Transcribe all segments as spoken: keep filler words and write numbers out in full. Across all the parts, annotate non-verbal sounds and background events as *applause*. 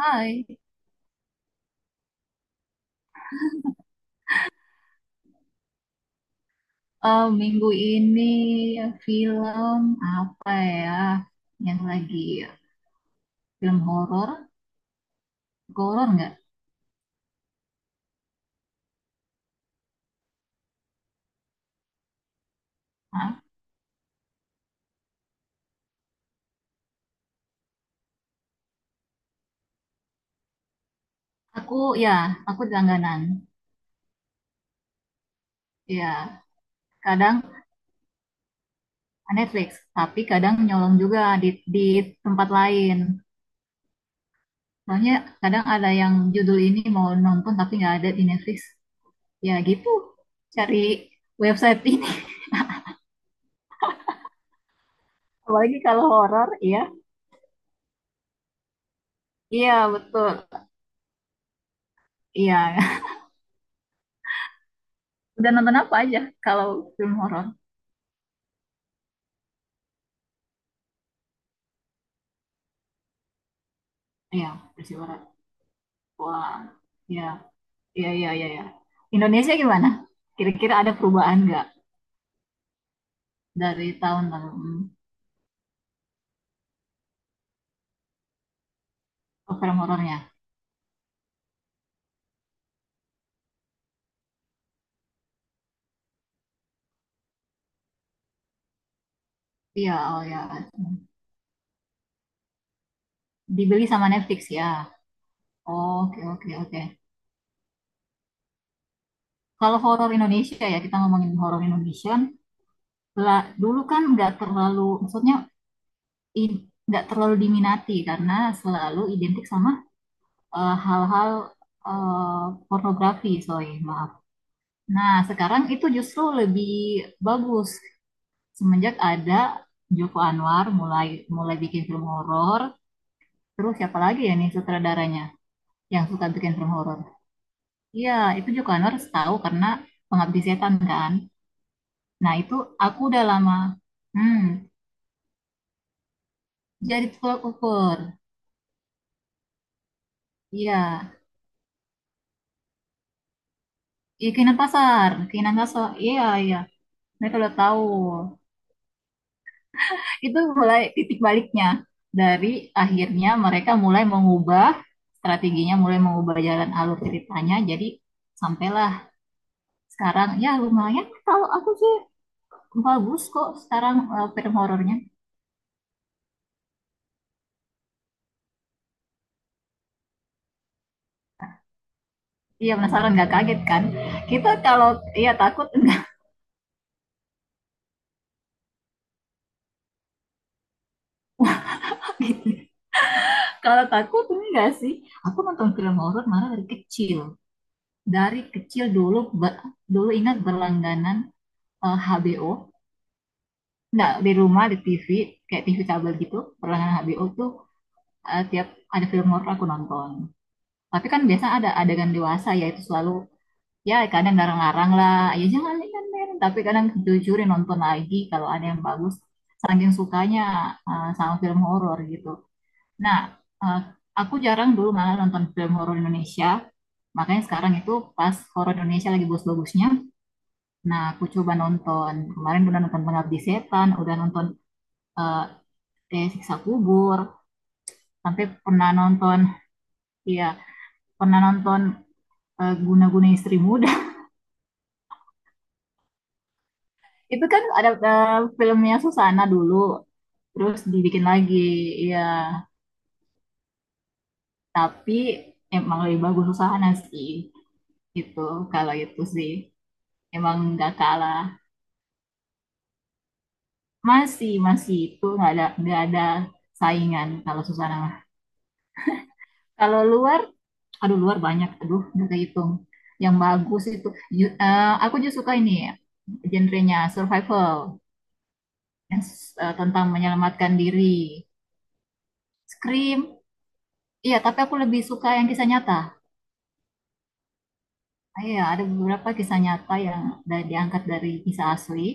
Hai. Eh, minggu ini film apa ya yang lagi film horor? Horor nggak? Hah? Aku ya, aku langganan. Ya, kadang Netflix, tapi kadang nyolong juga di di tempat lain. Soalnya kadang ada yang judul ini mau nonton tapi nggak ada di Netflix. Ya gitu, cari website ini. *laughs* Apalagi kalau horor, iya. Iya betul. Iya. *laughs* Udah nonton apa aja kalau film horor? Iya, Persiwara. Wah, ya, iya, iya, iya, iya. Indonesia gimana? Kira-kira ada perubahan nggak dari tahun lalu hmm, ke film horornya? Iya, oh ya. Dibeli sama Netflix ya. Oh, oke, oke, oke. Kalau horor Indonesia ya, kita ngomongin horor Indonesia. Lah, dulu kan nggak terlalu, maksudnya i- nggak terlalu diminati karena selalu identik sama eh, hal-hal, eh, pornografi, sorry, maaf. Nah, sekarang itu justru lebih bagus semenjak ada Joko Anwar mulai mulai bikin film horor, terus siapa lagi ya nih sutradaranya yang suka bikin film horor? Iya, itu Joko Anwar tahu karena Pengabdi Setan kan. Nah, itu aku udah lama. Hmm, jadi tukang ukur. Iya, iya keinginan pasar, keinginan pasar. Iya, iya. Mereka udah tahu. Itu mulai titik baliknya dari akhirnya mereka mulai mengubah strateginya, mulai mengubah jalan alur ceritanya. Jadi sampailah. Sekarang ya lumayan kalau aku sih bagus kok sekarang eh, film horornya. Iya penasaran nggak kaget kan? Kita kalau iya takut enggak *laughs* gitu. Kalau takut enggak sih. Aku nonton film horor malah dari kecil. Dari kecil dulu ba- dulu ingat berlangganan eh, H B O. Enggak, di rumah di T V kayak T V kabel gitu. Berlangganan H B O tuh eh, tiap ada film horor aku nonton. Tapi kan biasa ada adegan dewasa, ya itu selalu ya kadang larang-larang lah ya jangan lihat men, tapi kadang ditujurin nonton lagi kalau ada yang bagus saking sukanya eh, sama film horor gitu. Nah, eh, aku jarang dulu malah nonton film horor Indonesia makanya sekarang itu pas horor Indonesia lagi bagus-bagusnya. Nah, aku coba nonton kemarin, udah nonton Pengabdi Setan, udah nonton eh, eh, Siksa Kubur, sampai pernah nonton ya pernah nonton eh, Guna-Guna Istri Muda. *laughs* Itu kan ada eh, filmnya Susana dulu. Terus dibikin lagi, ya. Tapi emang lebih bagus usaha sih, gitu. Kalau itu sih emang nggak kalah. Masih, masih itu nggak ada, nggak ada saingan kalau Susana mah. Kalau luar, aduh luar banyak, aduh nggak kehitung. Yang bagus itu, ju- eh, aku juga suka ini ya, genrenya survival, yang s- eh, tentang menyelamatkan diri. Scream, iya tapi aku lebih suka yang kisah nyata. Ah, iya, ada beberapa kisah nyata yang da- diangkat dari kisah asli.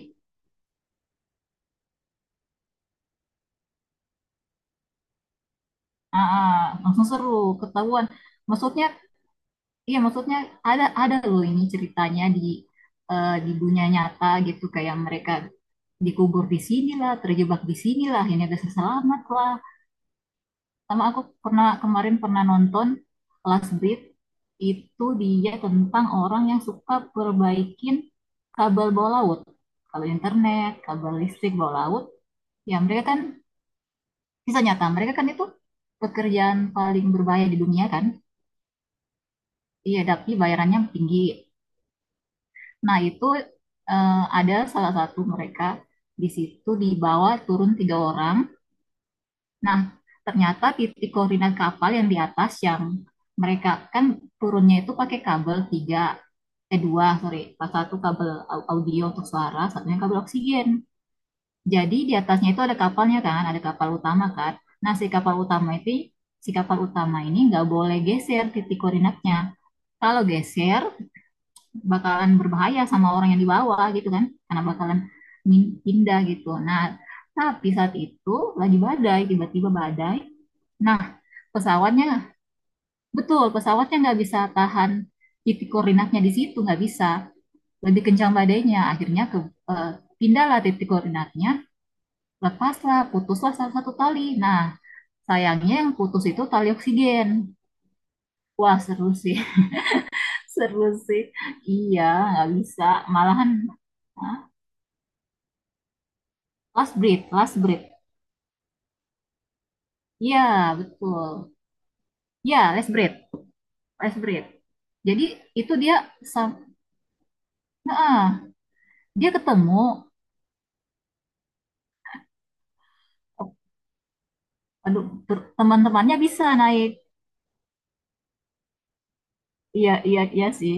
Ah, ah, langsung seru, ketahuan. Maksudnya, iya maksudnya ada ada loh ini ceritanya di eh, di dunia nyata gitu kayak mereka dikubur di sini lah, terjebak di sini lah, ini ada selamat lah. Sama aku pernah kemarin pernah nonton Last Breath. Itu dia tentang orang yang suka perbaikin kabel bawah laut, kabel internet, kabel listrik bawah laut. Ya mereka kan bisa nyata, mereka kan itu pekerjaan paling berbahaya di dunia kan? Iya, tapi bayarannya tinggi. Nah, itu eh, ada salah satu mereka di situ dibawa turun tiga orang. Nah, ternyata titik koordinat kapal yang di atas yang mereka kan turunnya itu pakai kabel tiga, eh dua, sorry, pas satu kabel au- audio untuk suara, satunya kabel oksigen. Jadi di atasnya itu ada kapalnya kan, ada kapal utama kan. Nah, si kapal utama itu, si kapal utama ini nggak boleh geser titik koordinatnya. Kalau geser bakalan berbahaya sama orang yang di bawah gitu kan, karena bakalan pindah gitu. Nah, tapi saat itu lagi badai, tiba-tiba badai. Nah, pesawatnya, betul pesawatnya nggak bisa tahan titik koordinatnya di situ, nggak bisa. Lebih kencang badainya akhirnya ke eh, pindahlah titik koordinatnya, lepaslah, putuslah salah satu tali. Nah, sayangnya yang putus itu tali oksigen. Wah, seru sih. *laughs* Seru sih. Iya, nggak bisa. Malahan, ah, last breath, last breath. Iya, betul. Iya last breath, last breath. Jadi itu dia sam- nah, dia ketemu. Oh, aduh, ter- teman-temannya bisa naik. Iya, iya, iya sih.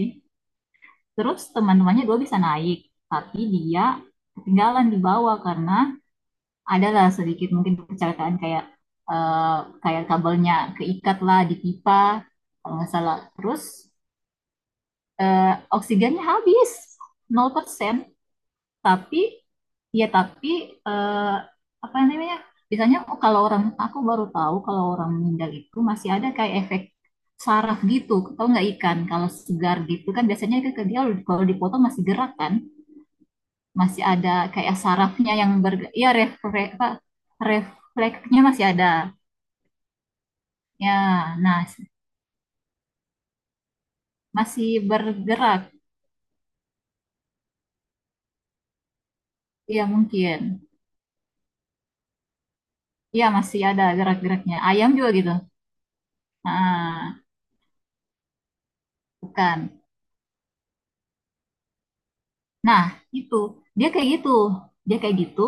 Terus teman-temannya dua bisa naik, tapi dia ketinggalan di bawah karena adalah sedikit mungkin kecelakaan kayak eh, kayak kabelnya keikat lah di pipa kalau nggak salah. Terus eh, oksigennya habis nol persen. Tapi ya tapi eh, apa namanya, biasanya kalau orang aku baru tahu kalau orang meninggal itu masih ada kayak efek saraf gitu tau nggak, ikan kalau segar gitu kan biasanya ikan ke dia kalau dipotong masih gerak kan, masih ada kayak sarafnya yang ber, ya refleks apa refleksnya masih ada ya. Nah, masih bergerak ya mungkin ya masih ada gerak-geraknya ayam juga gitu. Nah, bukan, nah itu dia kayak gitu, dia kayak gitu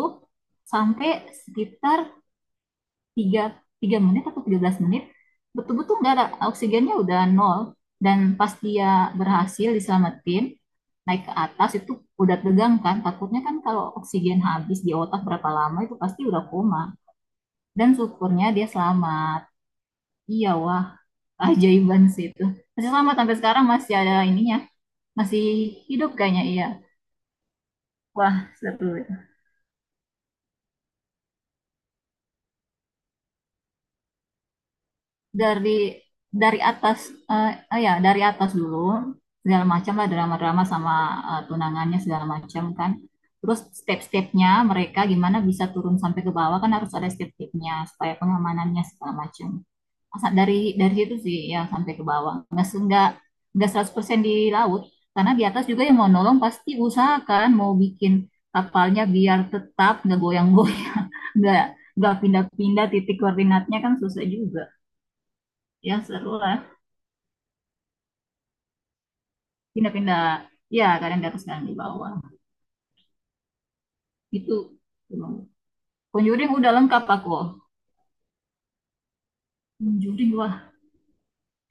sampai sekitar tiga, tiga menit atau tiga belas menit betul-betul nggak ada oksigennya, udah nol. Dan pas dia berhasil diselamatin naik ke atas itu udah tegang kan, takutnya kan kalau oksigen habis di otak berapa lama itu pasti udah koma. Dan syukurnya dia selamat. Iya wah, ajaiban sih itu masih selamat sampai sekarang, masih ada ininya, masih hidup kayaknya iya. Wah seru ya. dari dari atas eh eh, ya dari atas dulu segala macam lah drama-drama, sama eh, tunangannya segala macam kan. Terus step-stepnya mereka gimana bisa turun sampai ke bawah kan harus ada step-stepnya supaya pengamanannya segala macam. Masa dari dari situ sih ya sampai ke bawah nggak se- nggak nggak seratus persen di laut, karena di atas juga yang mau nolong pasti usahakan mau bikin kapalnya biar tetap nggak goyang-goyang, *laughs* nggak nggak pindah-pindah titik koordinatnya kan susah juga. Ya seru lah. Pindah-pindah, ya kadang di atas kadang di bawah. Itu emang Conjuring udah lengkap aku. Conjuring, wah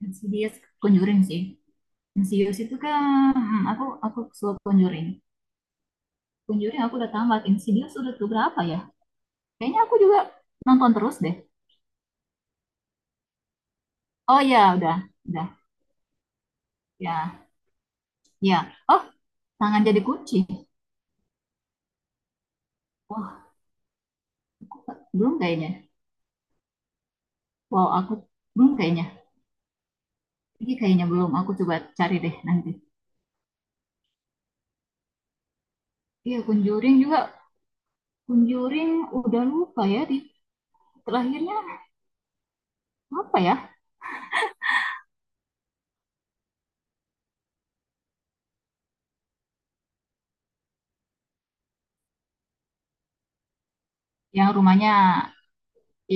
Insidious. Conjuring sih. Insidious itu kan, hmm, aku aku suka Conjuring. Conjuring aku udah tamat. Insidious udah tuh berapa ya, kayaknya aku juga nonton terus deh. Oh ya udah, udah. Ya ya oh tangan jadi kunci. Wah belum kayaknya. Wow, aku belum kayaknya, ini kayaknya belum, aku coba cari deh nanti. Iya Conjuring juga. Conjuring udah lupa ya di terakhirnya apa ya? Yang rumahnya,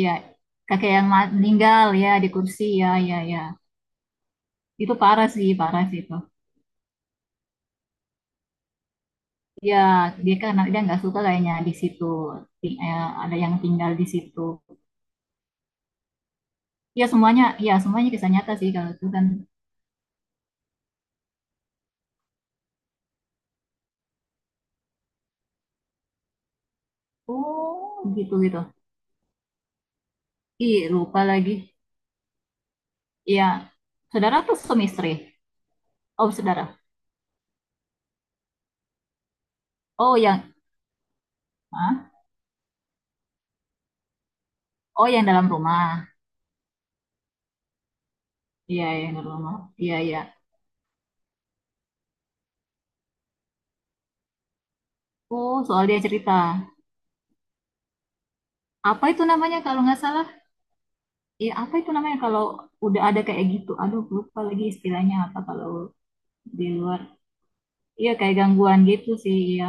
ya kakek yang meninggal ya di kursi, ya ya ya. Itu parah sih, parah sih itu. Ya, dia kan dia nggak suka kayaknya di situ. Ti- eh, ada yang tinggal di situ. Ya semuanya, ya semuanya kisah nyata sih kalau itu kan. Oh, gitu gitu. Ih, lupa lagi. Ya, saudara tuh suami istri. Oh, saudara. Oh, yang Hah? Oh, yang dalam rumah. Iya, yang dalam rumah. Iya, iya. Oh, soal dia cerita. Apa itu namanya kalau nggak salah? Ya, apa itu namanya kalau udah ada kayak gitu? Aduh, lupa lagi istilahnya apa kalau di luar. Iya, kayak gangguan gitu sih, ya.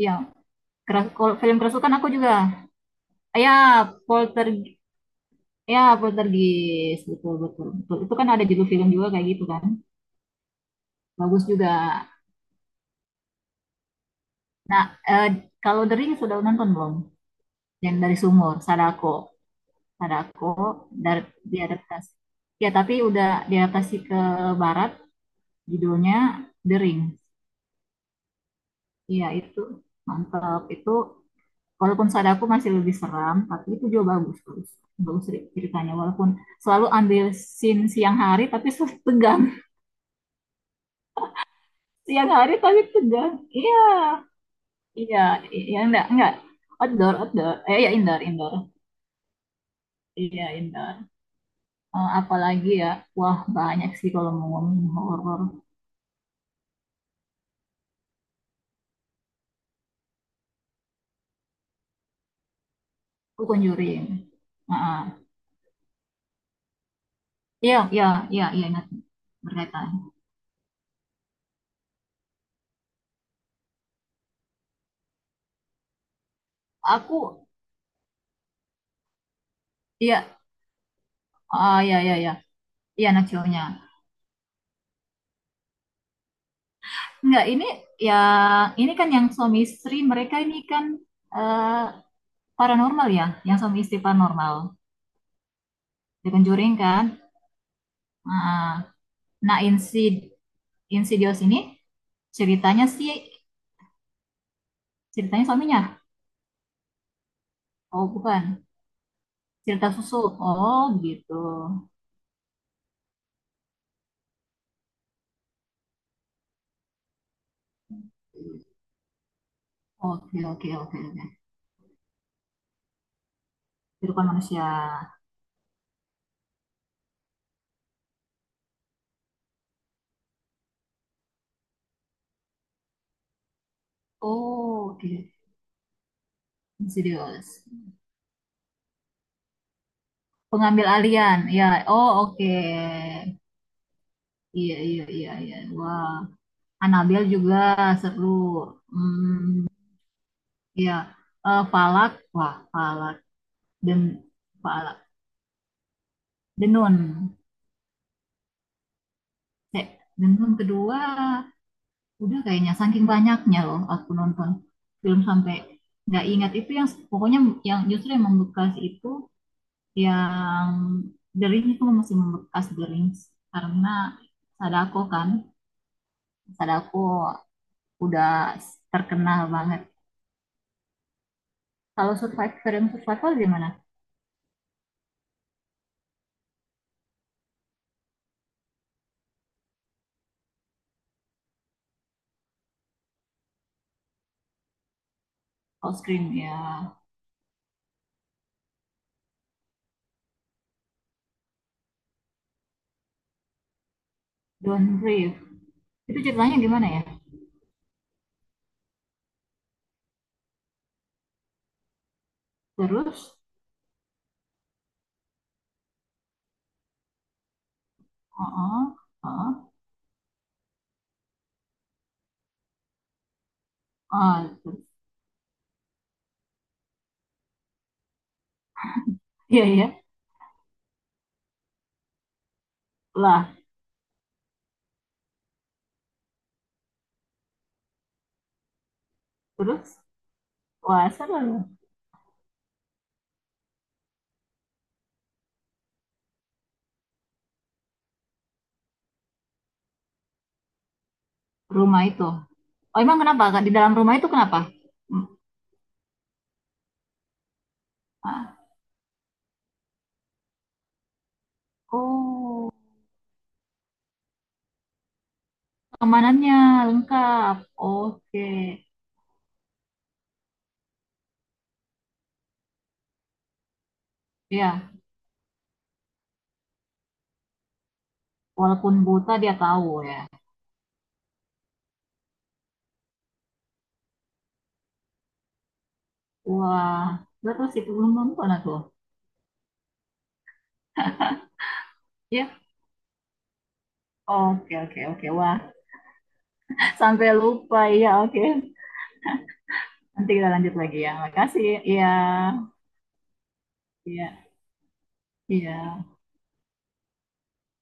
Iya keras, kalau film kerasukan aku juga. Ah, ya, polter, ya, poltergeist, betul, betul, betul. Itu kan ada judul film juga kayak gitu kan. Bagus juga. Nah, eh, kalau The Ring sudah nonton belum? Yang dari sumur, Sadako. Sadako, dari diadaptasi. Ya, tapi udah diadaptasi ke barat judulnya The Ring. Iya itu mantap. Itu walaupun Sadako masih lebih seram, tapi itu juga bagus, bagus bagus cer- ceritanya. Walaupun selalu ambil scene siang hari, tapi selalu tegang. *laughs* Siang hari tapi tegang. Iya, iya, iya enggak enggak. Outdoor, outdoor. Eh ya indoor, indoor. Iya indoor. Eh, apalagi ya, wah banyak sih kalau mau ngomongin horor. Aku Conjuring. Ah, ah. Iya, iya, iya, iya ingat berkaitan. Aku. Iya. Ah ya ya ya, iya Nachonya. Enggak ini, yang ini kan yang suami istri mereka ini kan eh, paranormal ya, yang suami istri paranormal, The Conjuring kan. Ah, nah Insid. Insidious ini ceritanya sih, ceritanya suaminya. Oh bukan, cerita susu. Oh begitu. Oke oke oke oke. Kehidupan manusia. Oh oke. Insidious. Pengambil alian. Ya. Oh oke. Iya, iya, iya, iya. Wah, Anabel juga seru. Hmm, iya. Eh, Falak, wah, Falak dan Falak. Denun. Cek, Denun kedua udah kayaknya, saking banyaknya loh aku nonton film sampai nggak ingat itu, yang pokoknya yang justru yang membekas itu yang Dering, itu masih membekas Dering karena Sadako kan, Sadako udah terkenal banget. Kalau survive, film survival gimana? Kalau Scream ya Don't Breathe. Itu ceritanya gimana ya? Terus, oh, oh, oh, terus, iya iya lah. Terus, wah seru. Rumah itu. Oh emang kenapa? Kak? Di dalam rumah itu kenapa? Hmm, ah, oh, keamanannya lengkap. Oke, ya. Walaupun buta dia tahu ya. Wah, terus itu belum nonton aku. Ya, oke oke oke. Wah, *laughs* sampai lupa ya. Oke. Nanti kita lanjut lagi ya. Makasih. Iya. Iya. Iya.